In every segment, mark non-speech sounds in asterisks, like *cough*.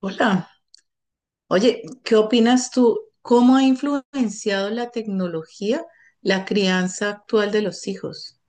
Hola, oye, ¿qué opinas tú? ¿Cómo ha influenciado la tecnología la crianza actual de los hijos?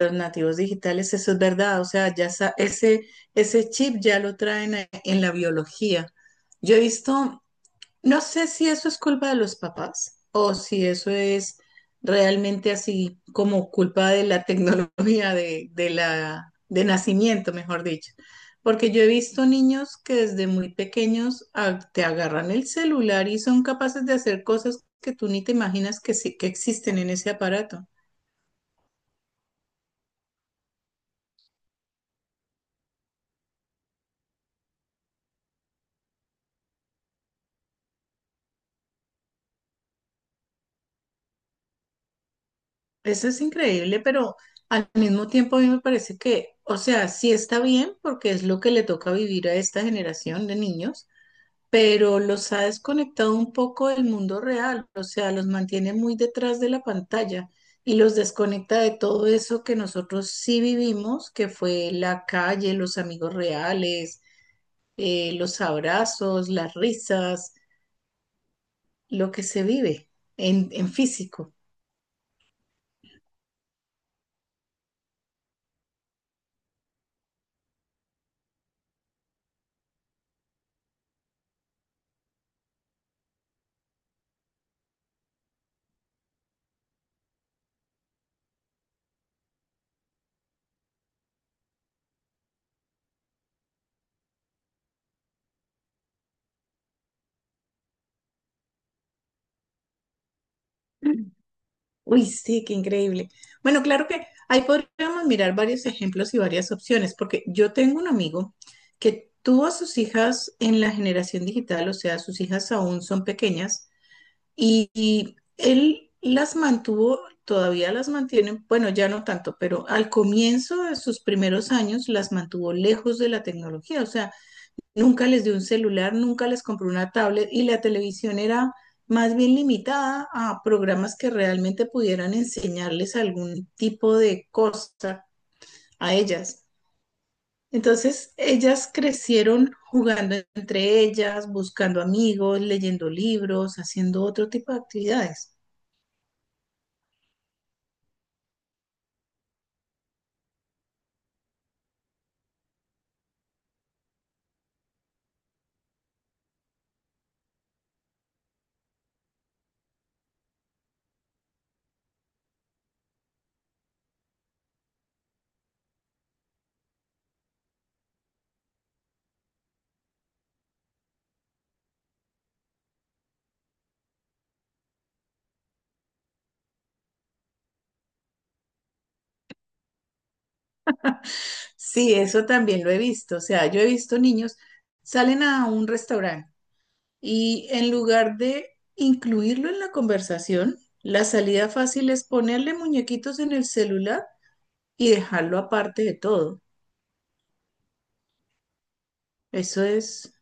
Los nativos digitales, eso es verdad, o sea, ese, ese chip ya lo traen en la biología. Yo he visto. No sé si eso es culpa de los papás o si eso es realmente así como culpa de la *laughs* tecnología de nacimiento, mejor dicho. Porque yo he visto niños que desde muy pequeños te agarran el celular y son capaces de hacer cosas que tú ni te imaginas que existen en ese aparato. Eso es increíble, pero al mismo tiempo a mí me parece que, o sea, sí está bien porque es lo que le toca vivir a esta generación de niños, pero los ha desconectado un poco del mundo real, o sea, los mantiene muy detrás de la pantalla y los desconecta de todo eso que nosotros sí vivimos, que fue la calle, los amigos reales, los abrazos, las risas, lo que se vive en físico. Uy, sí, qué increíble. Bueno, claro que ahí podríamos mirar varios ejemplos y varias opciones, porque yo tengo un amigo que tuvo a sus hijas en la generación digital, o sea, sus hijas aún son pequeñas, y él las mantuvo, todavía las mantiene, bueno, ya no tanto, pero al comienzo de sus primeros años las mantuvo lejos de la tecnología, o sea, nunca les dio un celular, nunca les compró una tablet y la televisión era más bien limitada a programas que realmente pudieran enseñarles algún tipo de cosa a ellas. Entonces, ellas crecieron jugando entre ellas, buscando amigos, leyendo libros, haciendo otro tipo de actividades. Sí, eso también lo he visto. O sea, yo he visto niños, salen a un restaurante. Y en lugar de incluirlo en la conversación, la salida fácil es ponerle muñequitos en el celular y dejarlo aparte de todo. Eso es,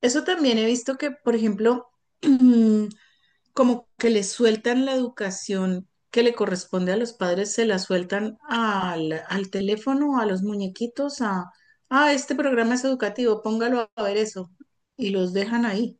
eso también he visto que, por ejemplo, *clears throat* como que le sueltan la educación que le corresponde a los padres, se la sueltan al teléfono, a los muñequitos, a, ah, este programa es educativo, póngalo a ver eso, y los dejan ahí,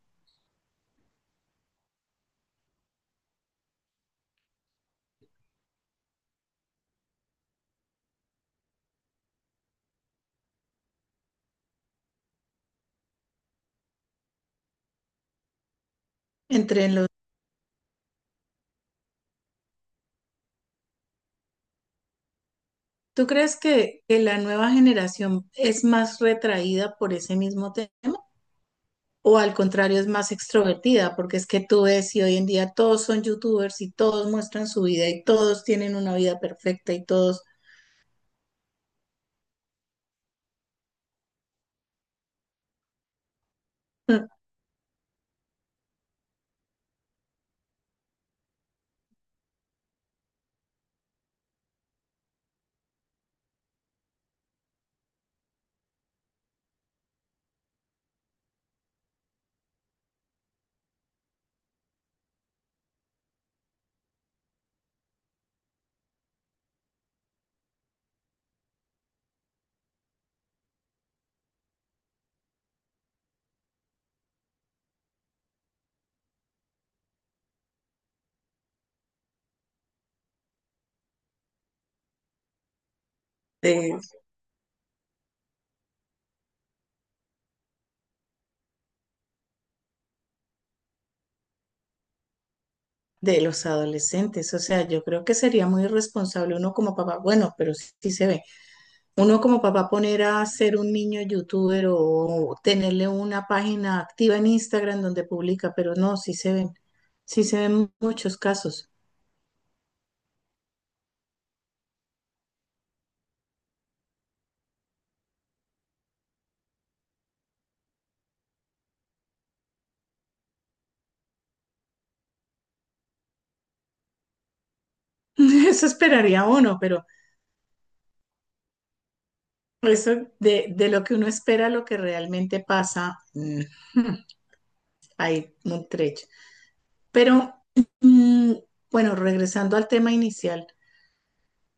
entre. ¿Tú crees que la nueva generación es más retraída por ese mismo tema? ¿O al contrario es más extrovertida? Porque es que tú ves y hoy en día todos son youtubers y todos muestran su vida y todos tienen una vida perfecta y todos *laughs* de, de los adolescentes. O sea, yo creo que sería muy irresponsable uno como papá. Bueno, pero sí, sí se ve. Uno como papá poner a ser un niño youtuber o tenerle una página activa en Instagram donde publica, pero no, sí se ven muchos casos. *laughs* Eso esperaría uno, pero eso de lo que uno espera a lo que realmente pasa, *laughs* hay un trecho. Pero mm, bueno, regresando al tema inicial.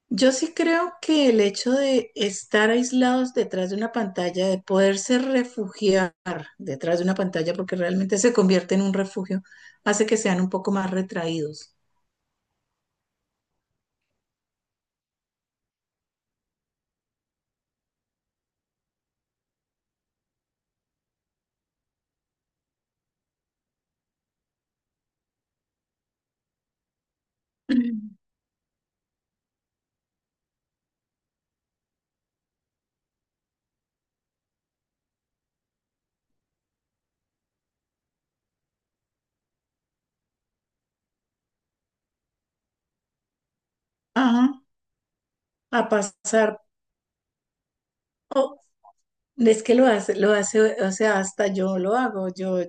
Yo sí creo que el hecho de estar aislados detrás de una pantalla, de poderse refugiar detrás de una pantalla, porque realmente se convierte en un refugio, hace que sean un poco más retraídos. Ajá, a pasar. O, es que lo hace, o sea, hasta yo lo hago. Yo,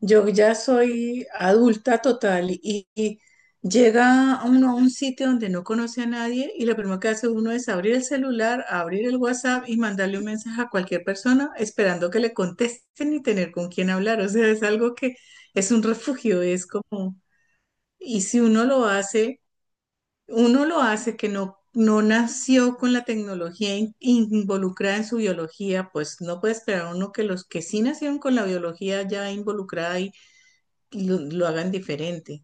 yo ya soy adulta total y llega uno a un sitio donde no conoce a nadie y lo primero que hace uno es abrir el celular, abrir el WhatsApp y mandarle un mensaje a cualquier persona esperando que le contesten y tener con quién hablar. O sea, es algo que es un refugio, es como, y si uno lo hace, uno lo hace que no, no nació con la tecnología involucrada en su biología, pues no puede esperar uno que los que sí nacieron con la biología ya involucrada y lo hagan diferente.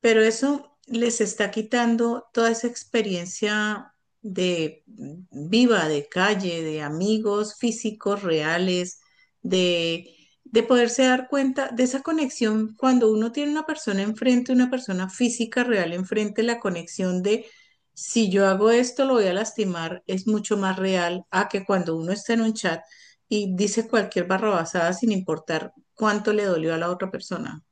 Pero eso les está quitando toda esa experiencia de viva, de calle, de amigos físicos reales, de, de poderse dar cuenta de esa conexión cuando uno tiene una persona enfrente, una persona física real enfrente, la conexión de si yo hago esto lo voy a lastimar es mucho más real a que cuando uno está en un chat y dice cualquier barrabasada sin importar cuánto le dolió a la otra persona.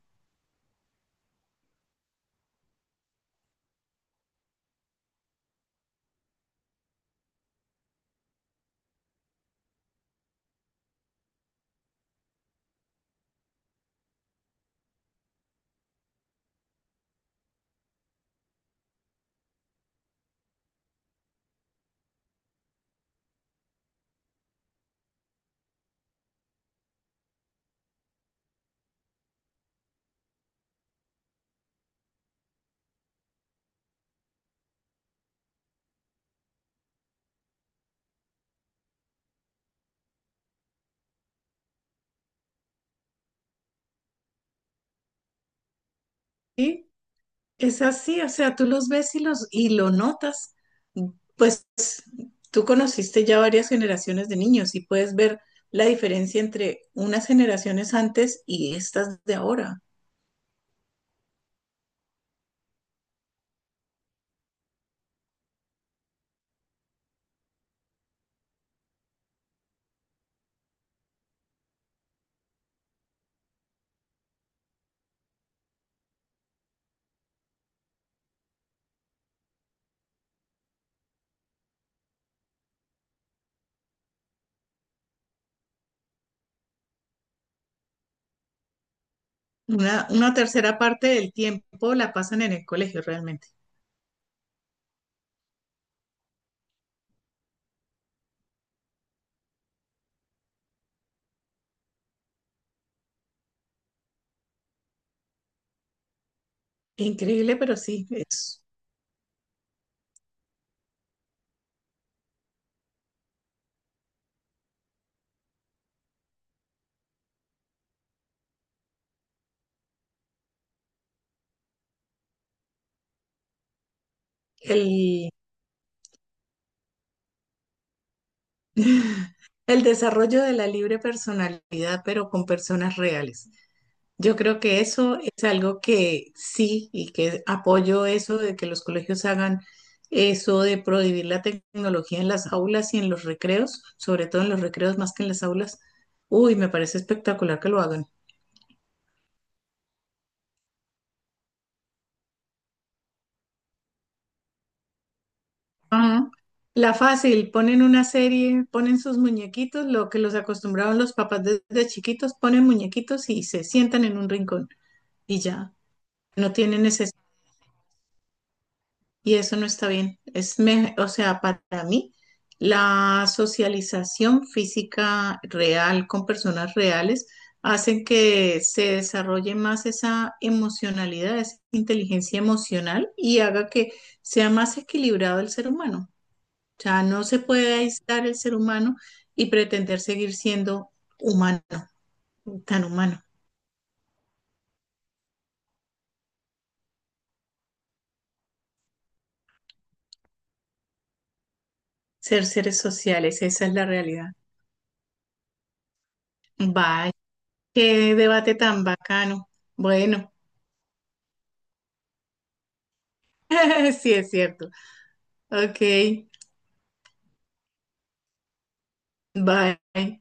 ¿Sí? Es así, o sea, tú los ves y los y lo notas. Pues tú conociste ya varias generaciones de niños y puedes ver la diferencia entre unas generaciones antes y estas de ahora. Una tercera parte del tiempo la pasan en el colegio realmente. Increíble, pero sí, es el, *laughs* el desarrollo de la libre personalidad, pero con personas reales. Yo creo que eso es algo que sí y que apoyo eso de que los colegios hagan eso de prohibir la tecnología en las aulas y en los recreos, sobre todo en los recreos más que en las aulas. Uy, me parece espectacular que lo hagan. Ah, la fácil, ponen una serie, ponen sus muñequitos, lo que los acostumbraban los papás desde chiquitos, ponen muñequitos y se sientan en un rincón y ya, no tienen necesidad. Y eso no está bien. O sea, para mí, la socialización física real con personas reales hacen que se desarrolle más esa emocionalidad, esa inteligencia emocional y haga que sea más equilibrado el ser humano. O sea, no se puede aislar el ser humano y pretender seguir siendo humano, tan humano. Ser seres sociales, esa es la realidad. Vaya, qué debate tan bacano. Bueno. *laughs* Sí, es cierto. Ok, bye.